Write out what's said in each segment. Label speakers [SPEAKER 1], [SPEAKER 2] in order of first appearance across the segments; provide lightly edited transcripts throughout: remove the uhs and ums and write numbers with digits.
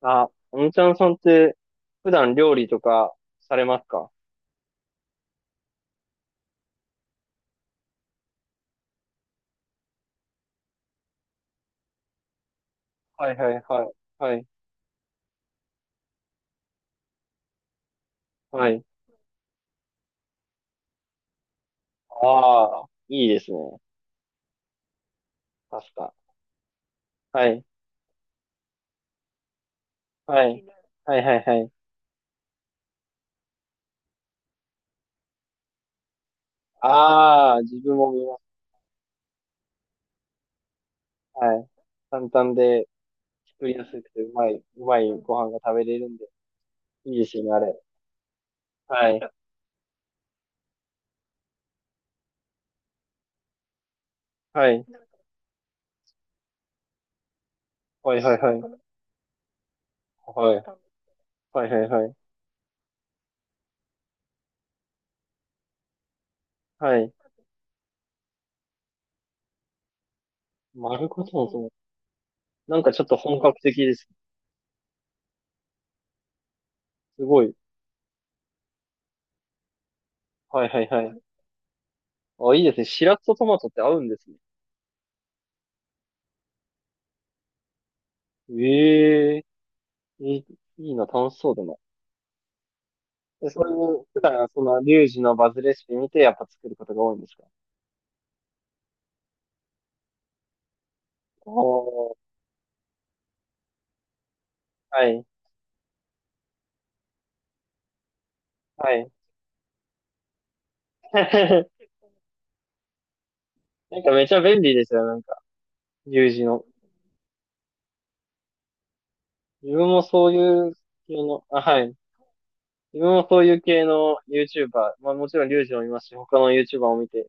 [SPEAKER 1] あ、おんちゃんさんって普段料理とかされますか？はいはいはい。はい。はい。ああ、いいですね。パスタ。はい。はい。はいはいはい。ああ、自分も見ます。はい。簡単で作りやすくてうまい、うまいご飯が食べれるんで、いいですよね、あれ。はい。はい。はいはいはい。はい。はいはいはい。はい。丸ごとのトマト。なんかちょっと本格的です。すごい。はいはいはい。あ、いいですね。しらすとトマトって合うんですね。ええ、いい、いいな、楽しそうだな。え、そういう、普段はその、リュウジのバズレシピ見て、やっぱ作ることが多いんですか？おー、はい、はい。なんかめちゃ便利ですよ、なんか、リュウジの。自分もそういう系の、あ、はい。自分もそういう系の YouTuber、まあもちろんリュウジもいますし、他の YouTuber を見て、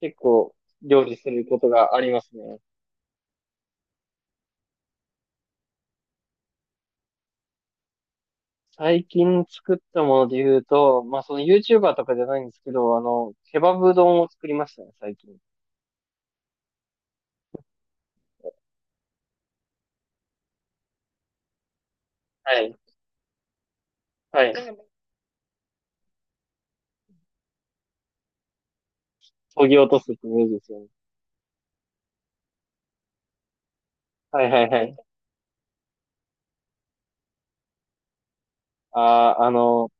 [SPEAKER 1] 結構料理することがありますね。最近作ったもので言うと、まあその YouTuber とかじゃないんですけど、あの、ケバブ丼を作りましたね、最近。はい。はい。そぎ落とすってイメージですよね。はいはいはい。あー、あの、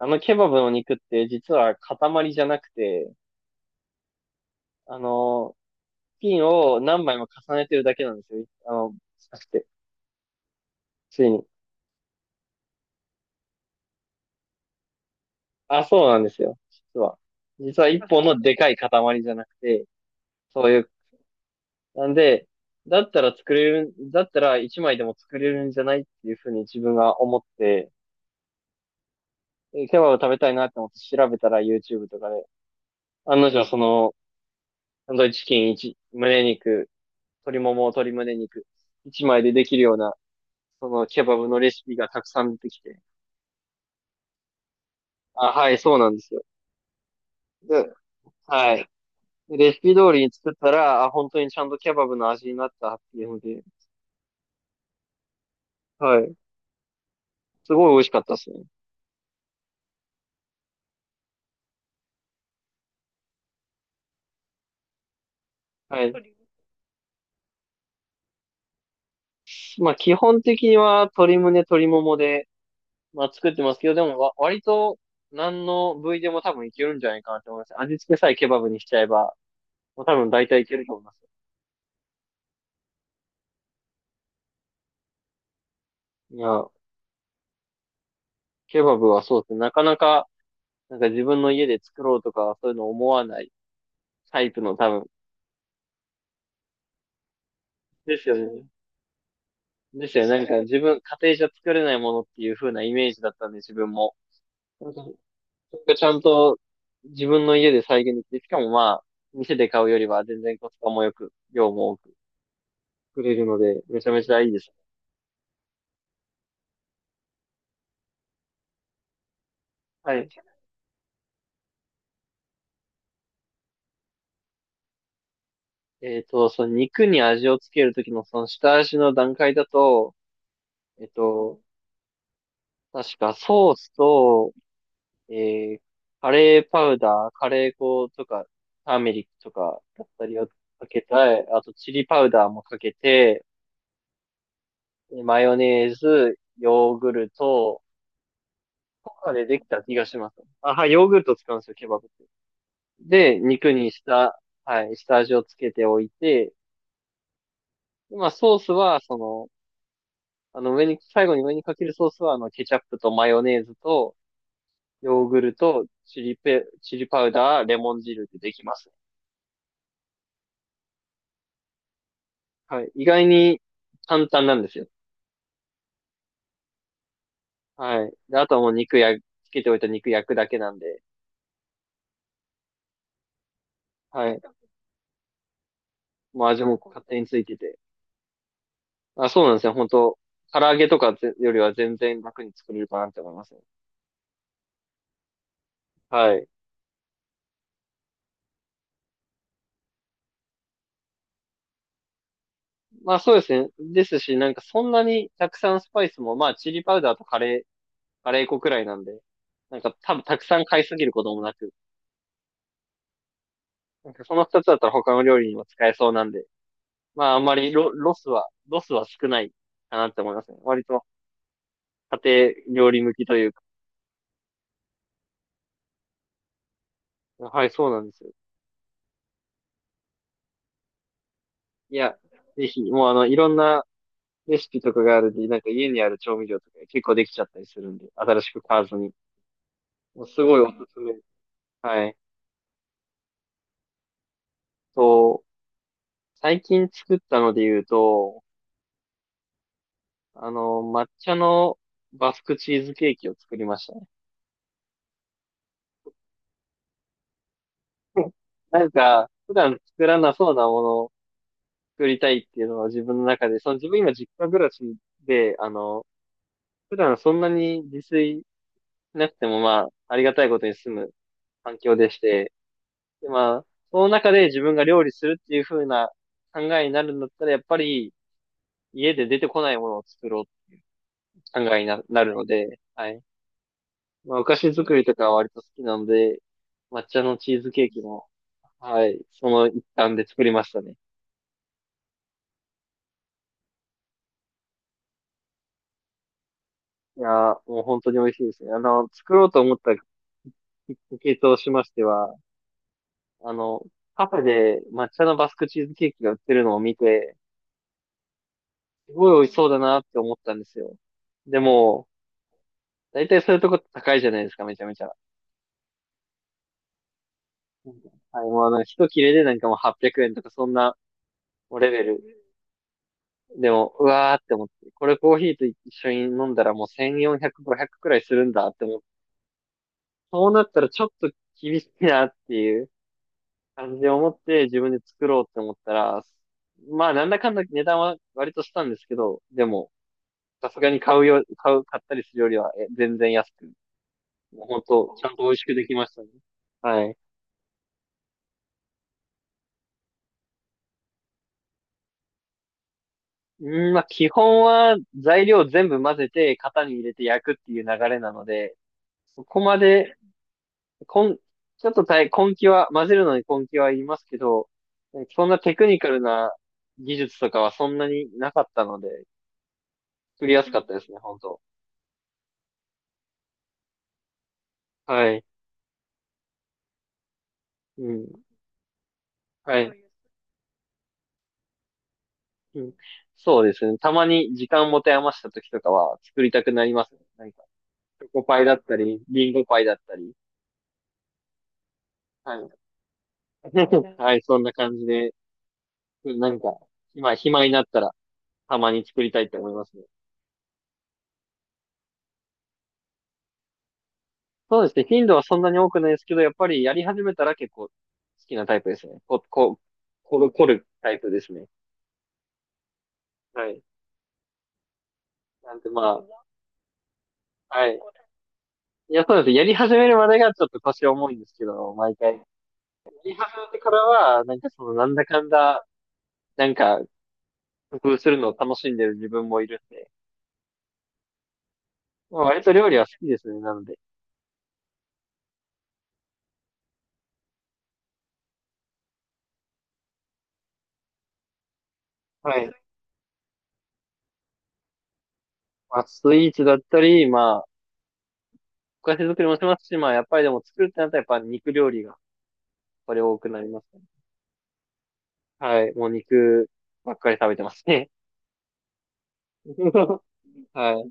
[SPEAKER 1] あのケバブの肉って実は塊じゃなくて、あの、ピンを何枚も重ねてるだけなんですよ。なくて、ついに。あ、そうなんですよ。実は。実は一本のでかい塊じゃなくて、そういう、なんで、だったら一枚でも作れるんじゃないっていうふうに自分が思って、ケバブ食べたいなって思って調べたら YouTube とかで、案の定その、サンドイッチチキン1、胸肉、鶏もも、鶏胸肉、1枚でできるような、そのケバブのレシピがたくさん出てきて。あ、はい、そうなんですよ。で、はい。レシピ通りに作ったら、あ、本当にちゃんとケバブの味になったっていうので、はい。すごい美味しかったですね。はい。まあ、基本的には鶏胸、鶏ももで、まあ、作ってますけど、でも、割と、何の部位でも多分いけるんじゃないかなと思います。味付けさえケバブにしちゃえば、もう多分大体いけると思います。いや、ケバブはそうですね。なかなか、なんか自分の家で作ろうとか、そういうの思わないタイプの多分。ですよね。ですよね。なんか自分、家庭じゃ作れないものっていう風なイメージだったんで、自分も。なんかそれがちゃんと自分の家で再現できて、しかもまあ、店で買うよりは全然コスパも良く、量も多く作れるので、めちゃめちゃいいです。はい。その肉に味をつけるときのその下味の段階だと、えっと、確かソースとえー、カレーパウダー、カレー粉とか、ターメリックとかだったりをかけたて、あとチリパウダーもかけて、でマヨネーズ、ヨーグルトとかでできた気がします。あ、はい、ヨーグルト使うんですよ、ケバブって。で、肉にした、はい、下味をつけておいて、でまあ、ソースは、その、あの、最後に上にかけるソースは、あの、ケチャップとマヨネーズと、ヨーグルト、チリパウダー、レモン汁でできます。はい。意外に簡単なんですよ。はい。で、あとはもうつけておいた肉焼くだけなんで、はい。もう味も勝手についてて。あ、そうなんですよ。本当唐揚げとかぜよりは全然楽に作れるかなって思いますね。はい。まあそうですね。ですし、なんかそんなにたくさんスパイスも、まあチリパウダーとカレー粉くらいなんで、なんか多分たくさん買いすぎることもなく、なんかその二つだったら他の料理にも使えそうなんで、まああんまりロスは少ないかなって思いますね。割と家庭料理向きというか。はい、そうなんですよ。いや、ぜひ、もうあの、いろんなレシピとかがあるんで、なんか家にある調味料とか結構できちゃったりするんで、新しく買わずに。もうすごいおすすめ。はい。と、最近作ったので言うと、あの、抹茶のバスクチーズケーキを作りましたね。なんか、普段作らなそうなものを作りたいっていうのは自分の中で、その自分今実家暮らしで、あの、普段そんなに自炊なくてもまあ、ありがたいことに住む環境でして、でまあ、その中で自分が料理するっていう風な考えになるんだったら、やっぱり家で出てこないものを作ろうって考えにななるので、はい。まあ、お菓子作りとかは割と好きなので、抹茶のチーズケーキも、はい、その一環で作りましたね。いやー、もう本当に美味しいですね。あの、作ろうと思ったきっかけとしましては、あの、カフェで抹茶のバスクチーズケーキが売ってるのを見て、すごい美味しそうだなって思ったんですよ。でも、だいたいそういうとこって高いじゃないですか、めちゃめちゃ。うん、はい、もうあの、一切れでなんかもう800円とかそんな、もうレベル。でも、うわーって思って、これコーヒーと一緒に飲んだらもう1400、5くくらいするんだって思って、そうなったらちょっと厳しいなっていう感じで思って自分で作ろうって思ったら、まあなんだかんだ値段は割としたんですけど、でも、さすがに買うよ、買う、買ったりするよりは全然安く本当ちゃんと美味しくできましたね。はい。うん、まあ、基本は材料全部混ぜて型に入れて焼くっていう流れなので、そこまで、こん、ちょっと大、根気は、混ぜるのに根気はいりますけど、そんなテクニカルな技術とかはそんなになかったので、作りやすかったですね、本当。はい。うん。はい。うん。そうですね。たまに時間持て余した時とかは作りたくなりますね。何か、チョコパイだったり、リンゴパイだったり。はい。はい、そんな感じで、なんか、今暇になったら、たまに作りたいと思いますね。そうですね。頻度はそんなに多くないですけど、やっぱりやり始めたら結構好きなタイプですね。こ、こ、こる、凝るタイプですね。はい。なんでまあ、はい。いや、そうです。やり始めるまでがちょっと腰重いんですけど、毎回。やり始めてからは、なんかその、なんだかんだ、なんか、工夫するのを楽しんでる自分もいるんで、まあ、割と料理は好きですね。なので。はい。まあ、スイーツだったり、まあ、お菓子作りもしますし、まあ、やっぱりでも作るってなったらやっぱ肉料理が、これ多くなりますね。はい。もう肉ばっかり食べてますね。はい。